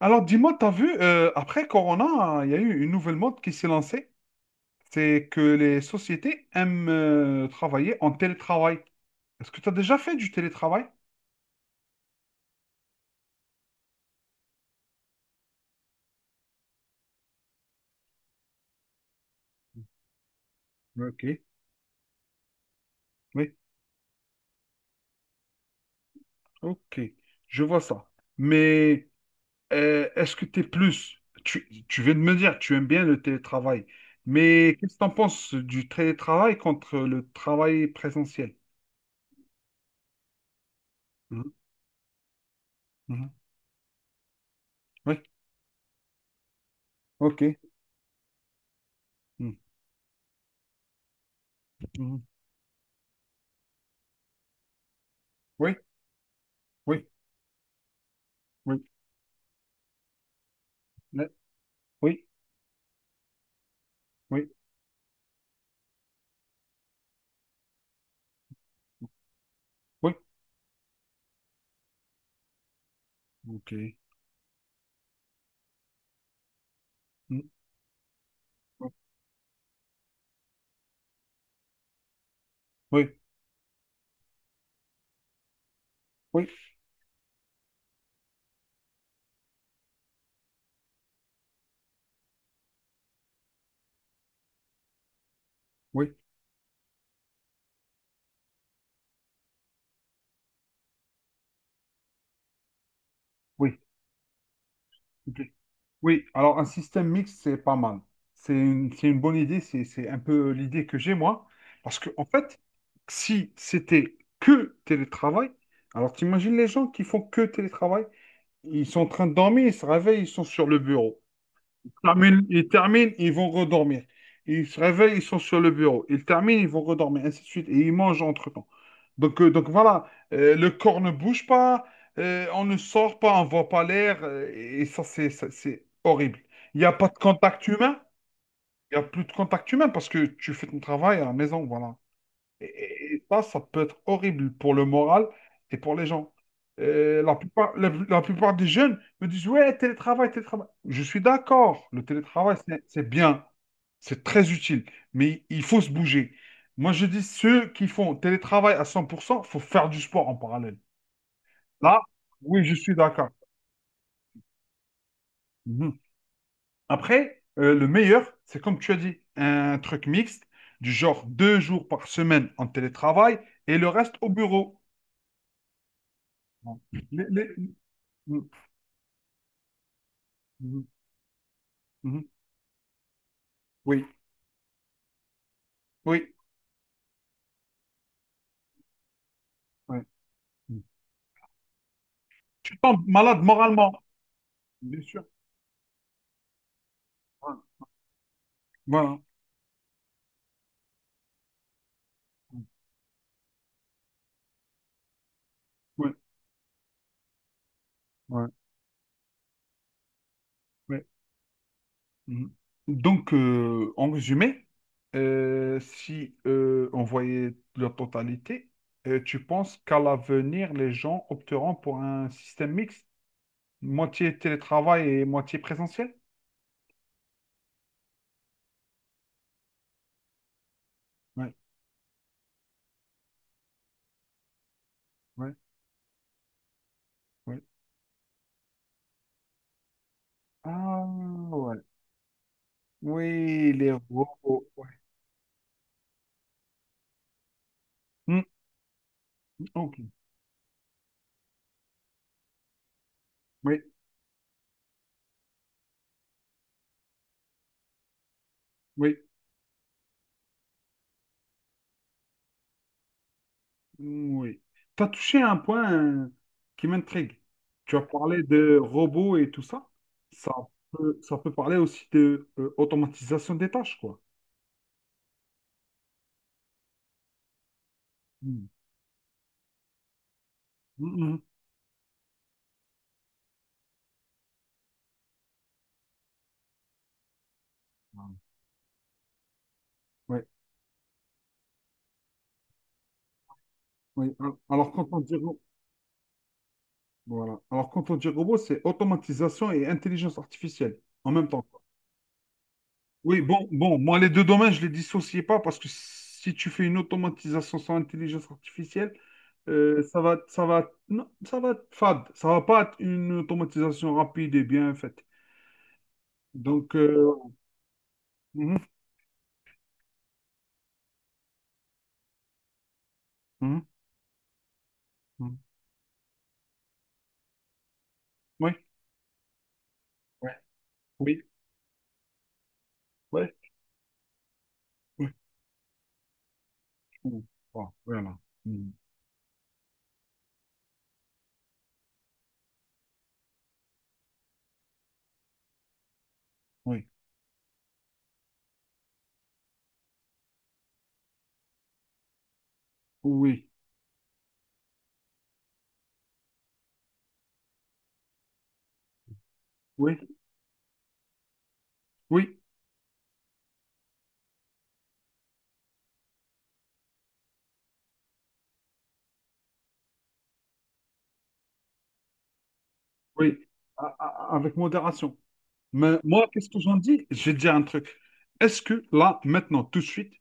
Alors, dis-moi, t'as vu, après Corona, il y a eu une nouvelle mode qui s'est lancée. C'est que les sociétés aiment travailler en télétravail. Est-ce que tu as déjà fait du télétravail? Ok. Oui, ok, je vois ça. Mais est-ce que tu es plus, tu viens de me dire, tu aimes bien le télétravail, mais qu'est-ce que tu en penses du télétravail contre le travail présentiel? Mhm, mhm. Oui, ok. Mhm, mhm. Oui, oui, oui, oui, oui, oui, oui. Ok. Mm. Oui, oui, oui, oui, ok. Oui, alors un système mixte, c'est pas mal. C'est une bonne idée, c'est un peu l'idée que j'ai moi. Parce que, en fait, si c'était que télétravail, alors t'imagines les gens qui font que télétravail, ils sont en train de dormir, ils se réveillent, ils sont sur le bureau. Terminent, ils terminent, ils vont redormir. Ils se réveillent, ils sont sur le bureau. Ils terminent, ils vont redormir, ainsi de suite. Et ils mangent entre-temps. Donc voilà. Le corps ne bouge pas, on ne sort pas, on ne voit pas l'air. Et ça, c'est horrible. Il n'y a pas de contact humain. Il n'y a plus de contact humain parce que tu fais ton travail à la maison, voilà. Et ça, ça peut être horrible pour le moral et pour les gens. La plupart des jeunes me disent, ouais, télétravail, télétravail. Je suis d'accord, le télétravail, c'est bien, c'est très utile, mais il faut se bouger. Moi, je dis, ceux qui font télétravail à 100%, il faut faire du sport en parallèle. Là, oui, je suis d'accord. Mhm. Après, le meilleur, c'est comme tu as dit, un truc mixte, du genre 2 jours par semaine en télétravail et le reste au bureau. Bon. Les, les- Mhm, mhm, mhm. Oui, oui, ouais. Mm. Tu tombes malade moralement, bien sûr. Ouais. Voilà. Ouais, ouais, ouais. Mhm. Donc, en résumé, si on voyait la totalité, tu penses qu'à l'avenir, les gens opteront pour un système mixte, moitié télétravail et moitié présentiel? Ouais, ouais, ouais. Ah, ouais. Oui, les robots. Ouais. Mm, ok. Oui, oui. Oui. Tu as touché un point qui m'intrigue. Tu as parlé de robots et tout ça. Ça ça peut parler aussi de automatisation des tâches, quoi. Mm. Mm, mm. Ouais, ouais. Al- Alors, quand on dit, ro- voilà. Alors, quand on dit robot, c'est automatisation et intelligence artificielle en même temps. Oui, bon, bon, moi, les deux domaines, je les dissociais pas parce que si tu fais une automatisation sans intelligence artificielle, non, ça va être fade. Ça va pas être une automatisation rapide et bien faite. Donc, euh, mhm, mhm, mhm. Oui, ouais, oui, ouais, oui, oui, voilà. Voilà. Mhm. Oui, oui, oui, oui, oui. Avec modération. Mais moi, qu'est-ce que j'en dis? Je vais te dire un truc. Est-ce que là, maintenant, tout de suite,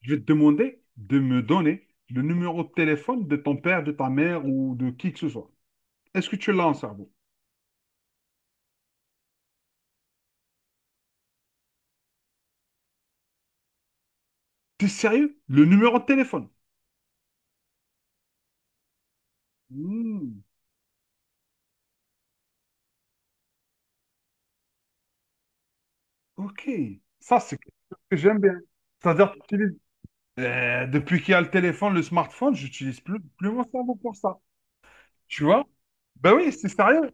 je vais te demander de me donner le numéro de téléphone de ton père, de ta mère ou de qui que ce soit. Est-ce que tu l'as en cerveau? T'es sérieux? Le numéro de téléphone? Hmm, ok. Ça, c'est quelque chose que j'aime bien. C'est-à-dire que j'utilise- Depuis qu'il y a le téléphone, le smartphone, j'utilise plus mon cerveau pour ça. Tu vois? Ben oui, c'est sérieux.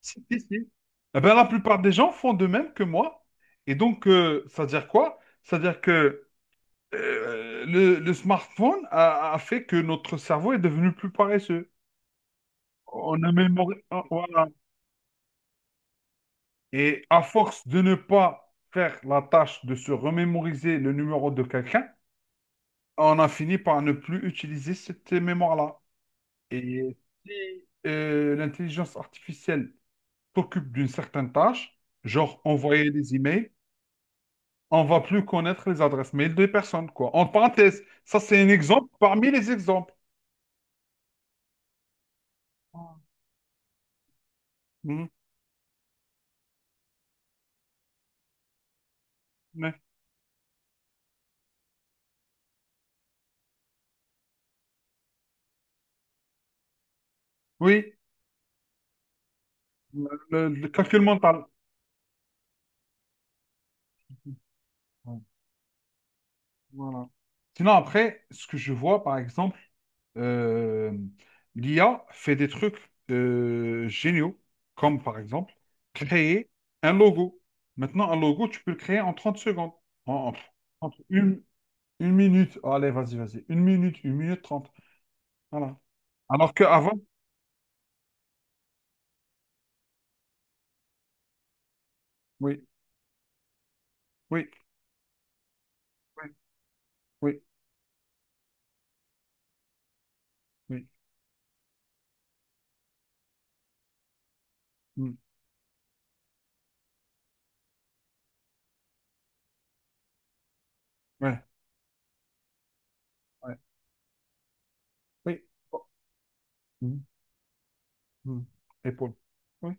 Si, si, si. Eh ben, la plupart des gens font de même que moi. Et donc, ça veut dire quoi? Ça veut dire que le smartphone a fait que notre cerveau est devenu plus paresseux. On a mémorisé. Voilà. Et à force de ne pas faire la tâche de se remémoriser le numéro de quelqu'un, on a fini par ne plus utiliser cette mémoire-là. Et si l'intelligence artificielle s'occupe d'une certaine tâche, genre envoyer des emails, on va plus connaître les adresses mail des personnes, quoi. En parenthèse, ça c'est un exemple parmi les exemples. Ah. Mhm. Mais- Oui. Le calcul mental. Ouais. Voilà. Sinon, après, ce que je vois, par exemple, euh, l'IA fait des trucs géniaux, comme par exemple créer un logo. Maintenant, un logo, tu peux le créer en 30 secondes. En- en- Entre une minute. Oh, allez, vas-y, vas-y. Une minute, 1 minute 30. Voilà. Alors qu'avant, oui, oui, oui, oui, oui, hmm, ouais, ouais, oui. Oh, hmm, hmm. Épaule. Oui,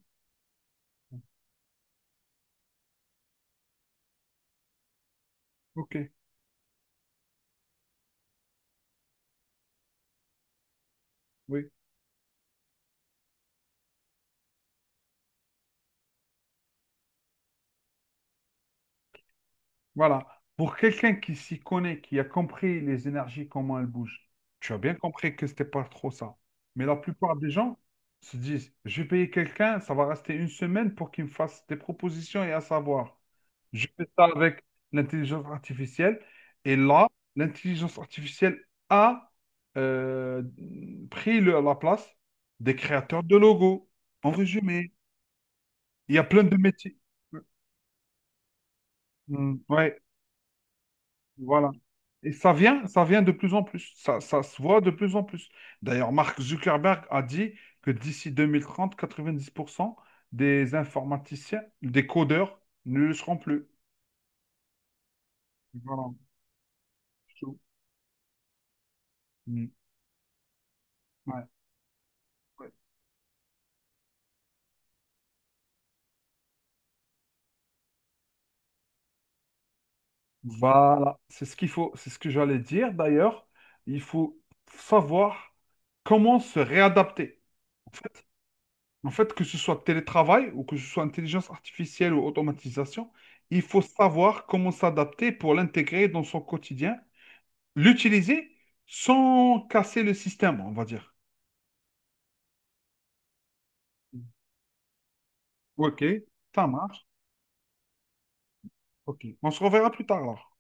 ok, oui. Voilà. Pour quelqu'un qui s'y connaît, qui a compris les énergies, comment elles bougent, tu as bien compris que c'était pas trop ça. Mais la plupart des gens se disent, je vais payer quelqu'un, ça va rester une semaine pour qu'il me fasse des propositions et à savoir. Je fais ça avec l'intelligence artificielle. Et là, l'intelligence artificielle a euh, pris la place des créateurs de logos. En résumé, il y a plein de métiers. Mm, ouais. Voilà. Et ça vient de plus en plus. Ça se voit de plus en plus. D'ailleurs, Mark Zuckerberg a dit que d'ici 2030 90% des informaticiens, des codeurs ne le seront plus. Voilà. C'est tout. Mm. Ouais. Ouais. Voilà. C'est ce qu'il faut. C'est ce que j'allais dire. D'ailleurs, il faut savoir comment se réadapter. En fait, que ce soit télétravail ou que ce soit intelligence artificielle ou automatisation, il faut savoir comment s'adapter pour l'intégrer dans son quotidien, l'utiliser sans casser le système, on va dire. Ok, ça marche. Ok, on se reverra plus tard alors.